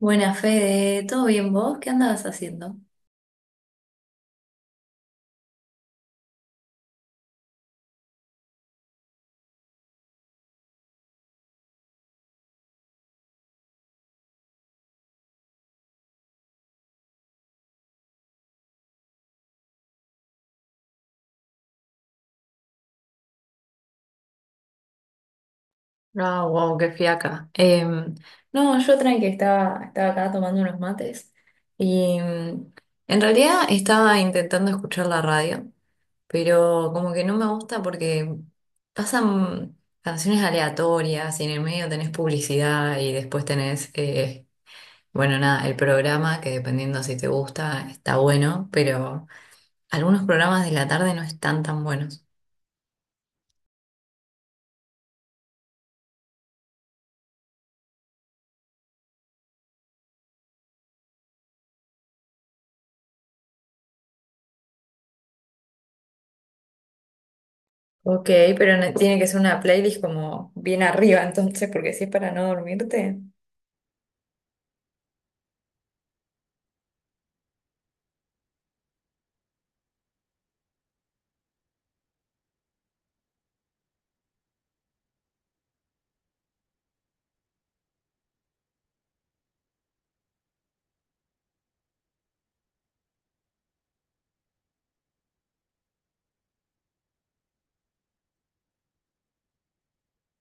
Buena Fede, ¿todo bien vos? ¿Qué andabas haciendo? Ah, wow, qué fiaca. No, yo tranqui, estaba acá tomando unos mates y en realidad estaba intentando escuchar la radio, pero como que no me gusta porque pasan canciones aleatorias y en el medio tenés publicidad y después tenés, bueno, nada, el programa que dependiendo si te gusta está bueno, pero algunos programas de la tarde no están tan buenos. Ok, pero tiene que ser una playlist como bien arriba entonces, porque si es para no dormirte.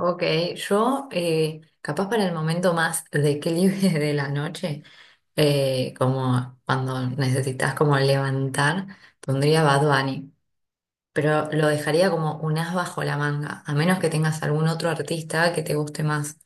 Ok, yo capaz para el momento más de que libre de la noche, como cuando necesitas como levantar, pondría Bad Bunny, pero lo dejaría como un as bajo la manga, a menos que tengas algún otro artista que te guste más.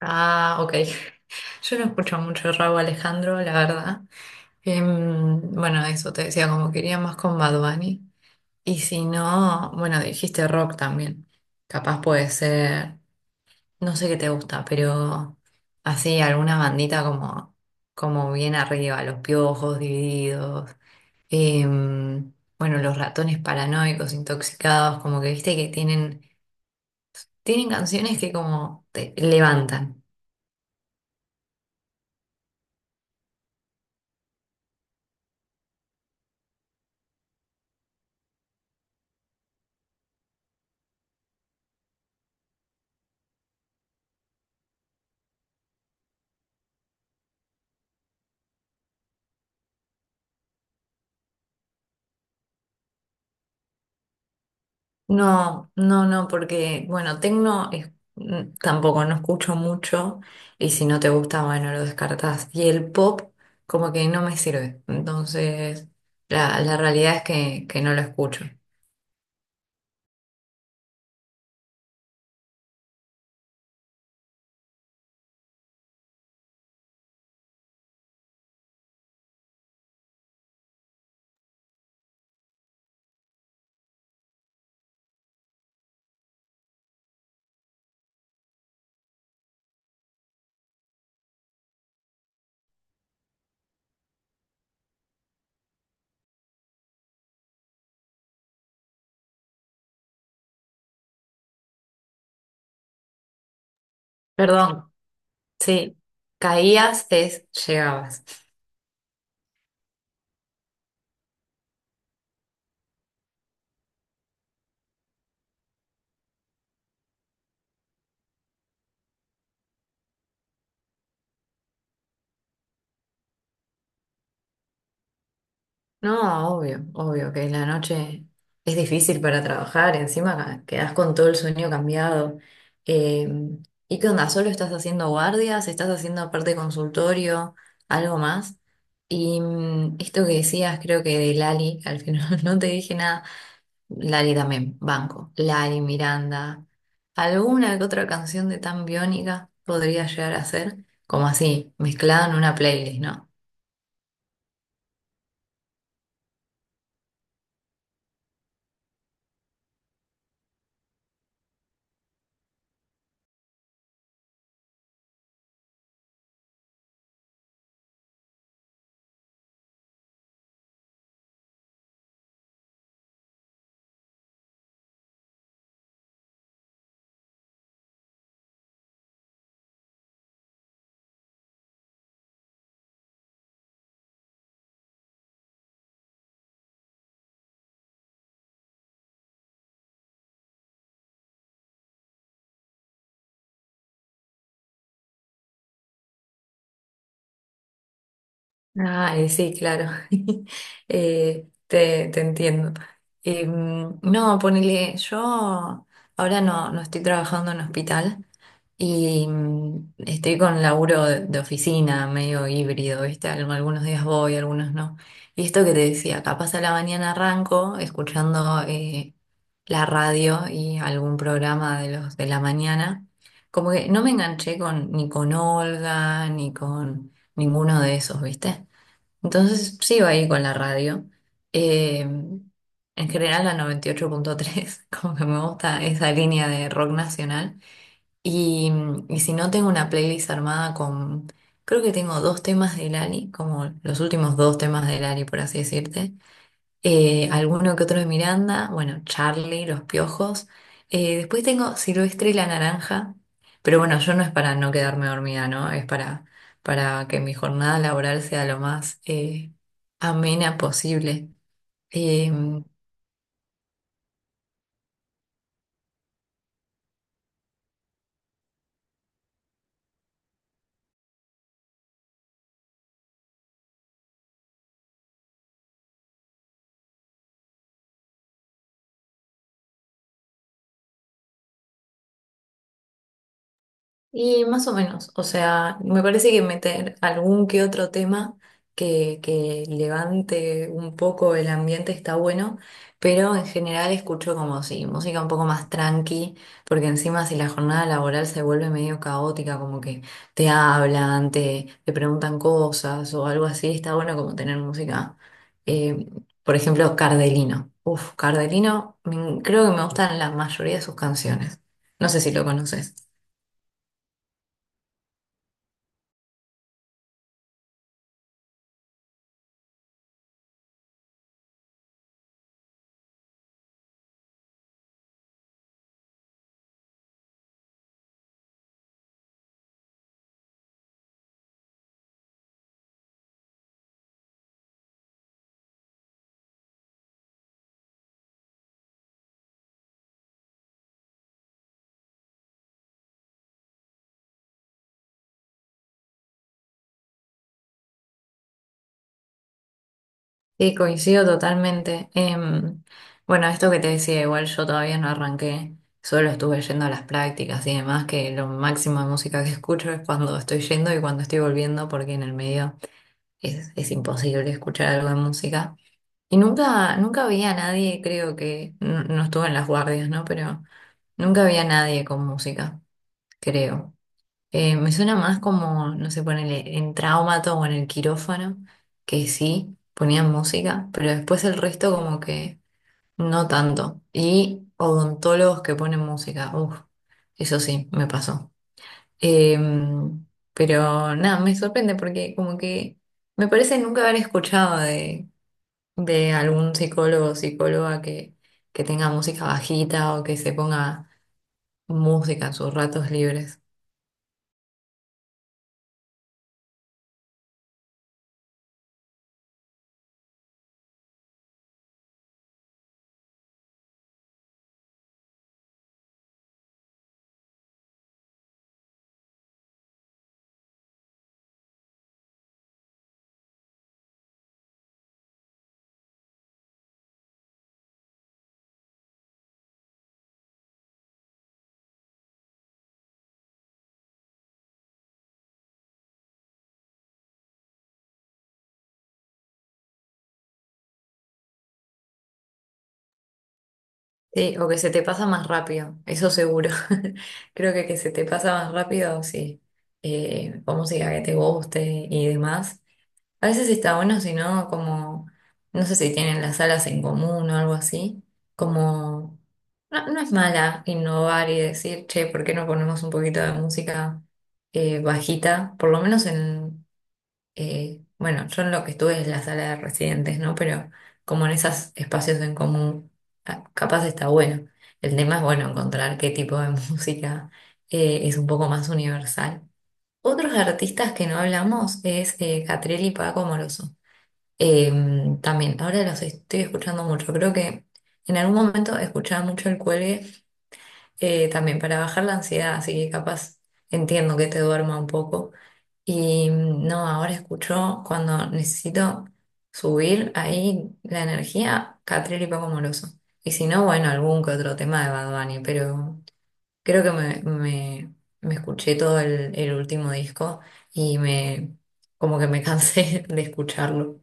Ah, ok, yo no escucho mucho Rauw Alejandro, la verdad. Bueno, eso te decía, como quería más con Bad Bunny. Y si no, bueno, dijiste rock también. Capaz puede ser, no sé qué te gusta, pero así alguna bandita como, como bien arriba, Los Piojos, Divididos, em, bueno, Los Ratones Paranoicos, Intoxicados, como que viste que tienen, tienen canciones que como te levantan. No, no, no, porque, bueno, tampoco no escucho mucho y si no te gusta, bueno, lo descartás. Y el pop como que no me sirve. Entonces, la realidad es que no lo escucho. Perdón, sí, caías es llegabas. No, obvio, obvio que la noche es difícil para trabajar, encima quedás con todo el sueño cambiado. Eh, ¿Y qué onda? ¿Solo estás haciendo guardias? ¿Estás haciendo aparte consultorio? ¿Algo más? Y esto que decías, creo que de Lali, que al final no te dije nada. Lali también, Banco. Lali, Miranda. Alguna que otra canción de Tan Biónica podría llegar a ser, como así, mezclada en una playlist, ¿no? Ah, sí, claro. Te entiendo. Mm, no, ponele, yo ahora no, no estoy trabajando en hospital y estoy con laburo de oficina medio híbrido, ¿viste? Algunos días voy, algunos no. Y esto que te decía, capaz a la mañana arranco escuchando la radio y algún programa de los de la mañana. Como que no me enganché con, ni con Olga, ni con ninguno de esos, ¿viste? Entonces sigo ahí con la radio. En general la 98.3, como que me gusta esa línea de rock nacional. Y, y si no tengo una playlist armada con, creo que tengo dos temas de Lali, como los últimos dos temas de Lali, por así decirte alguno que otro de Miranda, bueno, Charlie, Los Piojos. Después tengo Silvestre y la Naranja, pero bueno, yo no es para no quedarme dormida, ¿no? Es para que mi jornada laboral sea lo más amena posible. Em, Y más o menos, o sea, me parece que meter algún que otro tema que levante un poco el ambiente está bueno, pero en general escucho como si música un poco más tranqui, porque encima si la jornada laboral se vuelve medio caótica, como que te hablan, te preguntan cosas o algo así, está bueno como tener música, eh, por ejemplo, Cardelino. Uf, Cardelino, creo que me gustan la mayoría de sus canciones. No sé si lo conoces. Sí, coincido totalmente. Bueno, esto que te decía, igual yo todavía no arranqué, solo estuve yendo a las prácticas y demás, que lo máximo de música que escucho es cuando estoy yendo y cuando estoy volviendo, porque en el medio es imposible escuchar algo de música. Y nunca, nunca vi a nadie, creo que, no, no estuve en las guardias, ¿no? Pero nunca vi a nadie con música, creo. Me suena más como, no sé, ponele en Traumato o en el quirófano, que sí, ponían música, pero después el resto como que no tanto. Y odontólogos que ponen música, uff, eso sí, me pasó. Em, pero nada, me sorprende porque como que me parece nunca haber escuchado de algún psicólogo o psicóloga que tenga música bajita o que se ponga música en sus ratos libres. Sí, o que se te pasa más rápido, eso seguro. Creo que se te pasa más rápido, sí. O música que te guste y demás. A veces está bueno, si no, como, no sé si tienen las salas en común o algo así. Como, no, no es mala innovar y decir, che, ¿por qué no ponemos un poquito de música bajita? Por lo menos en, bueno, yo en lo que estuve es la sala de residentes, ¿no? Pero como en esos espacios en común, ah, capaz está bueno. El tema es, bueno, encontrar qué tipo de música es un poco más universal. Otros artistas que no hablamos es Catriel y Paco Moroso. Eh, también, ahora los estoy escuchando mucho. Creo que en algún momento escuchaba mucho El Cuelgue también para bajar la ansiedad, así que capaz entiendo que te duerma un poco. Y no, ahora escucho cuando necesito subir ahí la energía, Catril y Paco Moroso. Y si no, bueno, algún que otro tema de Bad Bunny, pero creo que me escuché todo el último disco y me como que me cansé de escucharlo.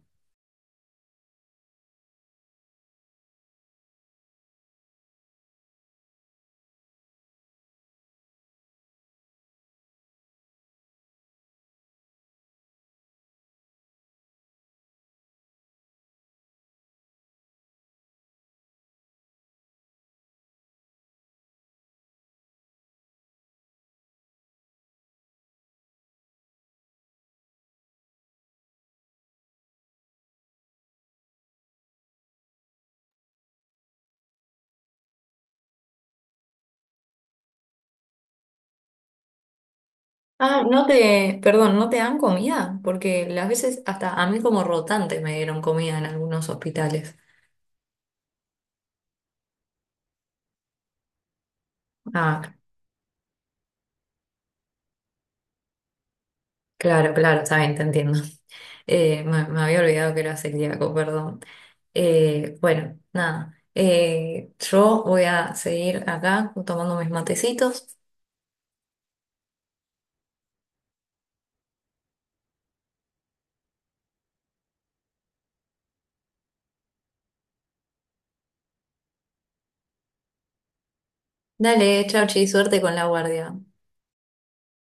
Ah, no te, perdón, ¿no te dan comida? Porque las veces hasta a mí como rotante me dieron comida en algunos hospitales. Ah, claro, claro, está bien, te entiendo. Me había olvidado que era celíaco, perdón. Bueno, nada. Eh, yo voy a seguir acá tomando mis matecitos. Dale, chau, chi, suerte con la guardia.